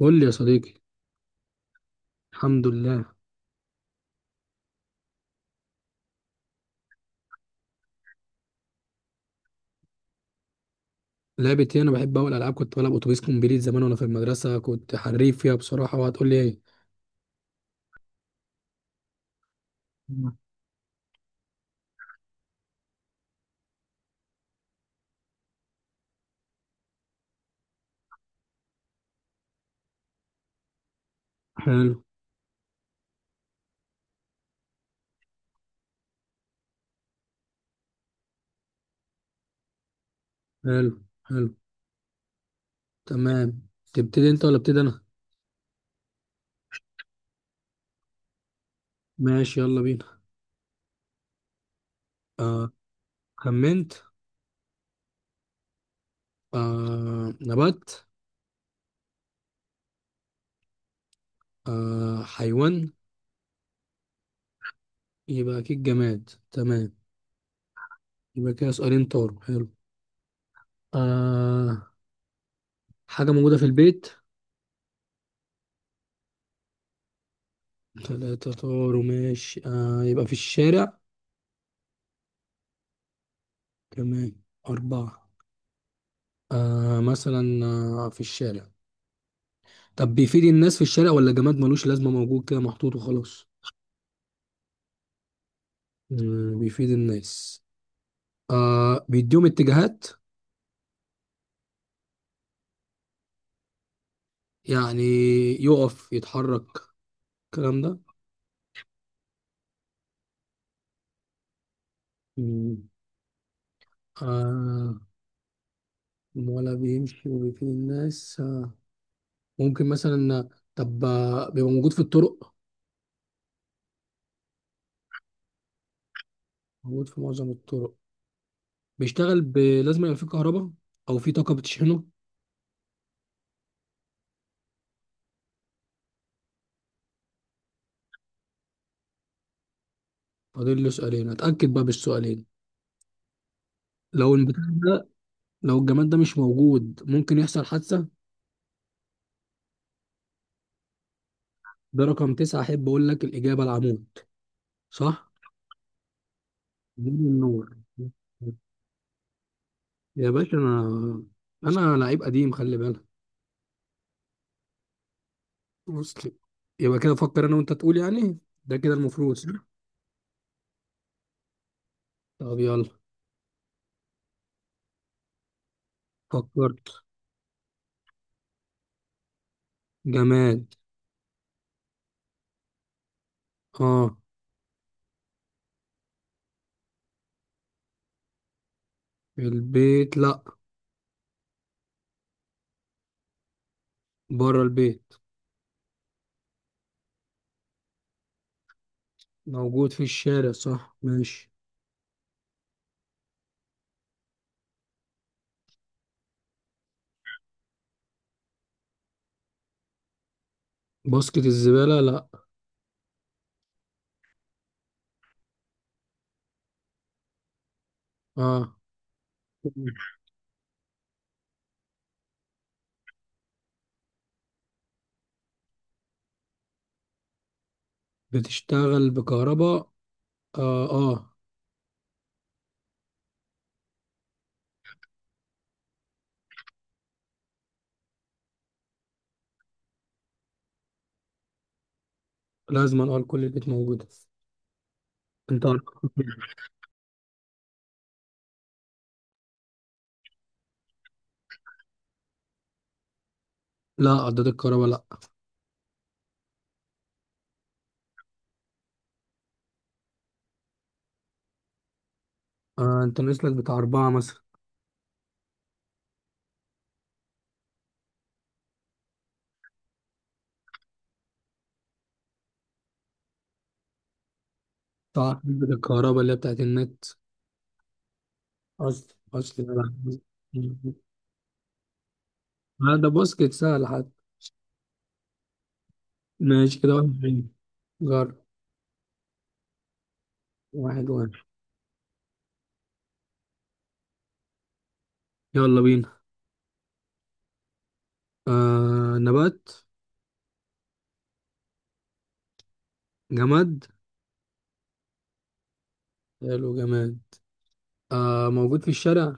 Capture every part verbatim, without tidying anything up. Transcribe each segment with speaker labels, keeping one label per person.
Speaker 1: قول لي يا صديقي. الحمد لله. لعبت ايه؟ انا بحب اول العاب، كنت بلعب اتوبيس كومبليت زمان وانا في المدرسه، كنت حريف فيها بصراحه. وهتقول لي ايه؟ مم. حلو. حلو. حلو. تمام. تبتدي انت ولا ابتدي انا؟ ماشي، يلا بينا. آه. خمنت. آه، نبات. آه، حيوان. يبقى اكيد جماد. تمام. يبقى كده سؤالين طاروا. حلو. آه. حاجه موجوده في البيت. ثلاثه طاروا ماشي. آه، يبقى في الشارع. تمام. اربعه. آه، مثلا. آه، في الشارع. طب بيفيد الناس في الشارع ولا جماد ملوش لازمة، موجود كده محطوط وخلاص؟ مم، بيفيد الناس. آه، بيديهم اتجاهات. يعني يقف يتحرك، الكلام ده. مم. آه. ولا بيمشي وبيفيد الناس؟ آه. ممكن مثلا. طب آه، بيبقى موجود في الطرق. موجود في معظم الطرق. بيشتغل ب- لازم يبقى فيه كهرباء، او فيه طاقة بتشحنه. فاضل له سؤالين، اتأكد بقى بالسؤالين. لو البتاع، لو الجماد ده مش موجود ممكن يحصل حادثة. ده رقم تسعة، أحب أقول لك الإجابة: العمود. صح؟ من النور. يا باشا أنا، أنا لعيب قديم، خلي بالك. مسلم. يبقى كده فكر أنا وأنت تقول يعني. ده كده المفروض صح؟ طب يلا. فكرت. جماد. آه. البيت لأ. بره البيت. موجود في الشارع صح، ماشي. باسكت الزبالة لأ. آه. بتشتغل بكهرباء. آه، آه. لازم أقول كل البيت موجودة. انت. لا، عداد الكهرباء لا. آه، انت ناقص لك بتاع اربعة مثلا. بتاع عداد الكهرباء اللي هي بتاعت النت. اصل اصل. لا، ده باسكت سهل حتى. ماشي كده واحد وعشرين. جرب. واحد واحد. يلا بينا. آه، نبات. جماد. حلو، جماد. آه، موجود في الشارع.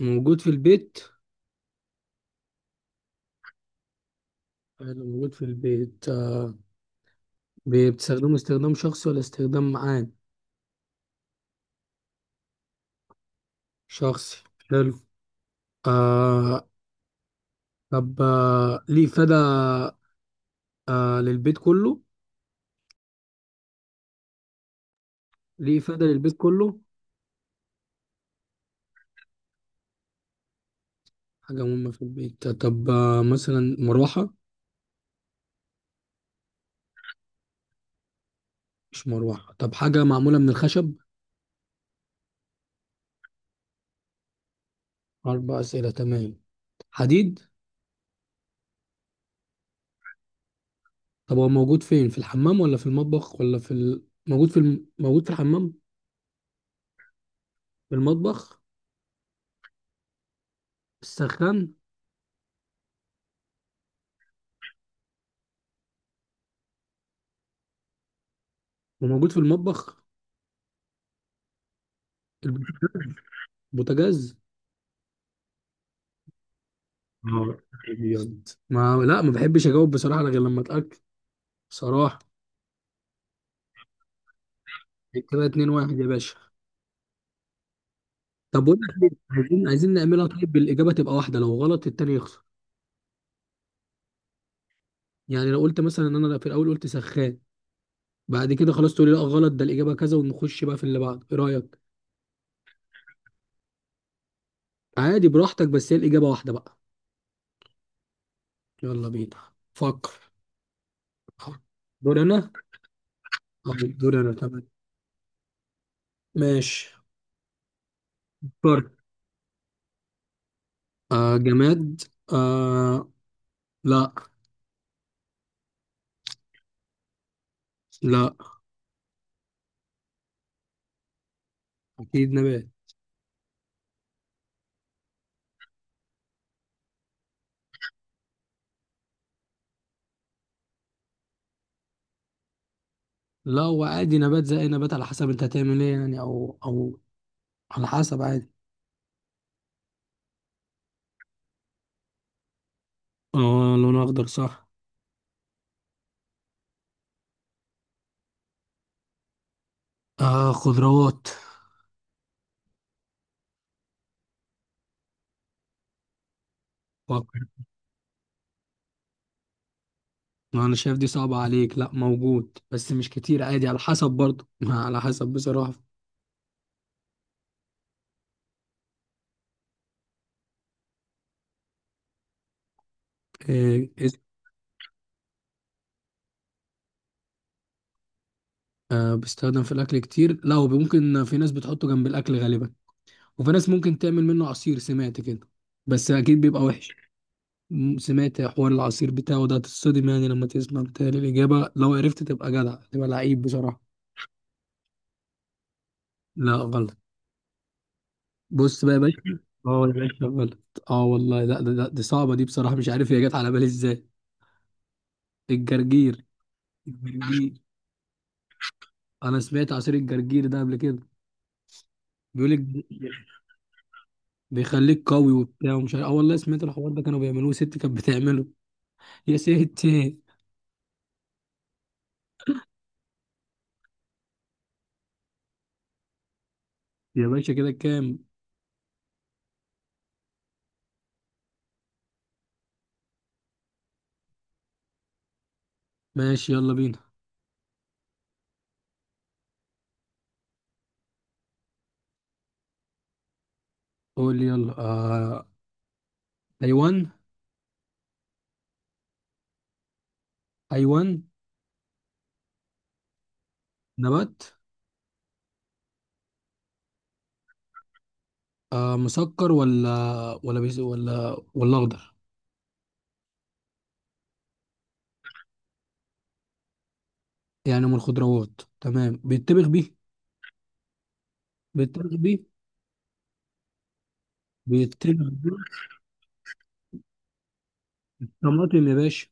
Speaker 1: موجود في البيت. حلو، موجود في البيت. آه. بي- بتستخدمه استخدام شخصي ولا استخدام عام؟ شخصي. حلو. آه. طب آه، ليه إفادة. آه، للبيت كله. ليه إفادة للبيت كله. حاجة مهمة في البيت. طب آه، مثلا مروحة. مش مروحة. طب حاجة معمولة من الخشب. أربع أسئلة، تمام. حديد. طب هو موجود فين، في الحمام ولا في المطبخ ولا في ال... موجود في الم... موجود في الحمام. في المطبخ. في السخان. وموجود في المطبخ. البوتاجاز. نهار أبيض، ما لا، ما بحبش أجاوب بصراحة غير لما أتأكد بصراحة. كده اتنين واحد يا باشا. طب بقول لك إيه، عايزين، عايزين نعملها طيب بالاجابه، تبقى واحده، لو غلط التاني يخسر. يعني لو قلت مثلا ان انا في الاول قلت سخان، بعد كده خلاص تقولي لا غلط ده الاجابه كذا، ونخش بقى في اللي بعده. ايه رايك؟ عادي، براحتك، بس هي الاجابه واحده بقى. يلا بينا. فكر. دور انا. اه، دور انا، تمام. ماشي. فكر. آه، جماد. آه. لا. لا. اكيد نبات. لا، هو عادي نبات زي اي نبات، على حسب انت هتعمل ايه يعني، او او على حسب عادي. اه، لونه اخضر صح. آه، خضروات. فكر. ما انا شايف دي صعبة عليك. لا موجود بس مش كتير، عادي على حسب برضه ما على حسب بصراحة. إيه إز-. آه، بيستخدم في الاكل كتير، لا هو ممكن في ناس بتحطه جنب الاكل غالبا، وفي ناس ممكن تعمل منه عصير سمعت كده، بس اكيد بيبقى وحش. م- سمعت حوار العصير بتاعه ده، هتتصدم يعني لما تسمع. بتهيألي الإجابة لو عرفت تبقى جدع، تبقى لعيب بصراحة. لا غلط. بص بقى يا باشا. اه يا باشا غلط. اه والله، لا ده, ده, دي صعبة دي بصراحة، مش عارف هي جت على بالي ازاي. الجرجير. الجرجير. انا سمعت عصير الجرجير ده قبل كده، بيقول لك بيخليك قوي وبتاع ومش عارف. اه والله سمعت الحوار ده، كانوا بيعملوه، ست كانت بتعمله. يا ست. يا باشا كده كام؟ ماشي، يلا بينا. قول لي يلا. آه. حيوان. حيوان. نبات. آه، مسكر ولا، ولا بيس، ولا ولا اخضر. يعني من الخضروات، تمام. بيتبخ بيه. بيتبخ بيه. بيتبخ بيه. طماطم يا باشا.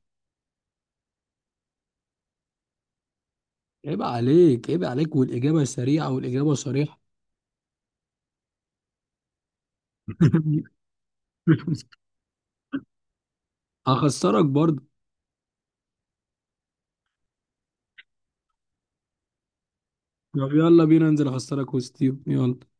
Speaker 1: عيب عليك، عيب عليك، والاجابه سريعه والاجابه صريحه. هخسرك برضه. طب يلا بينا ننزل، اخسرك وستيو، يلا.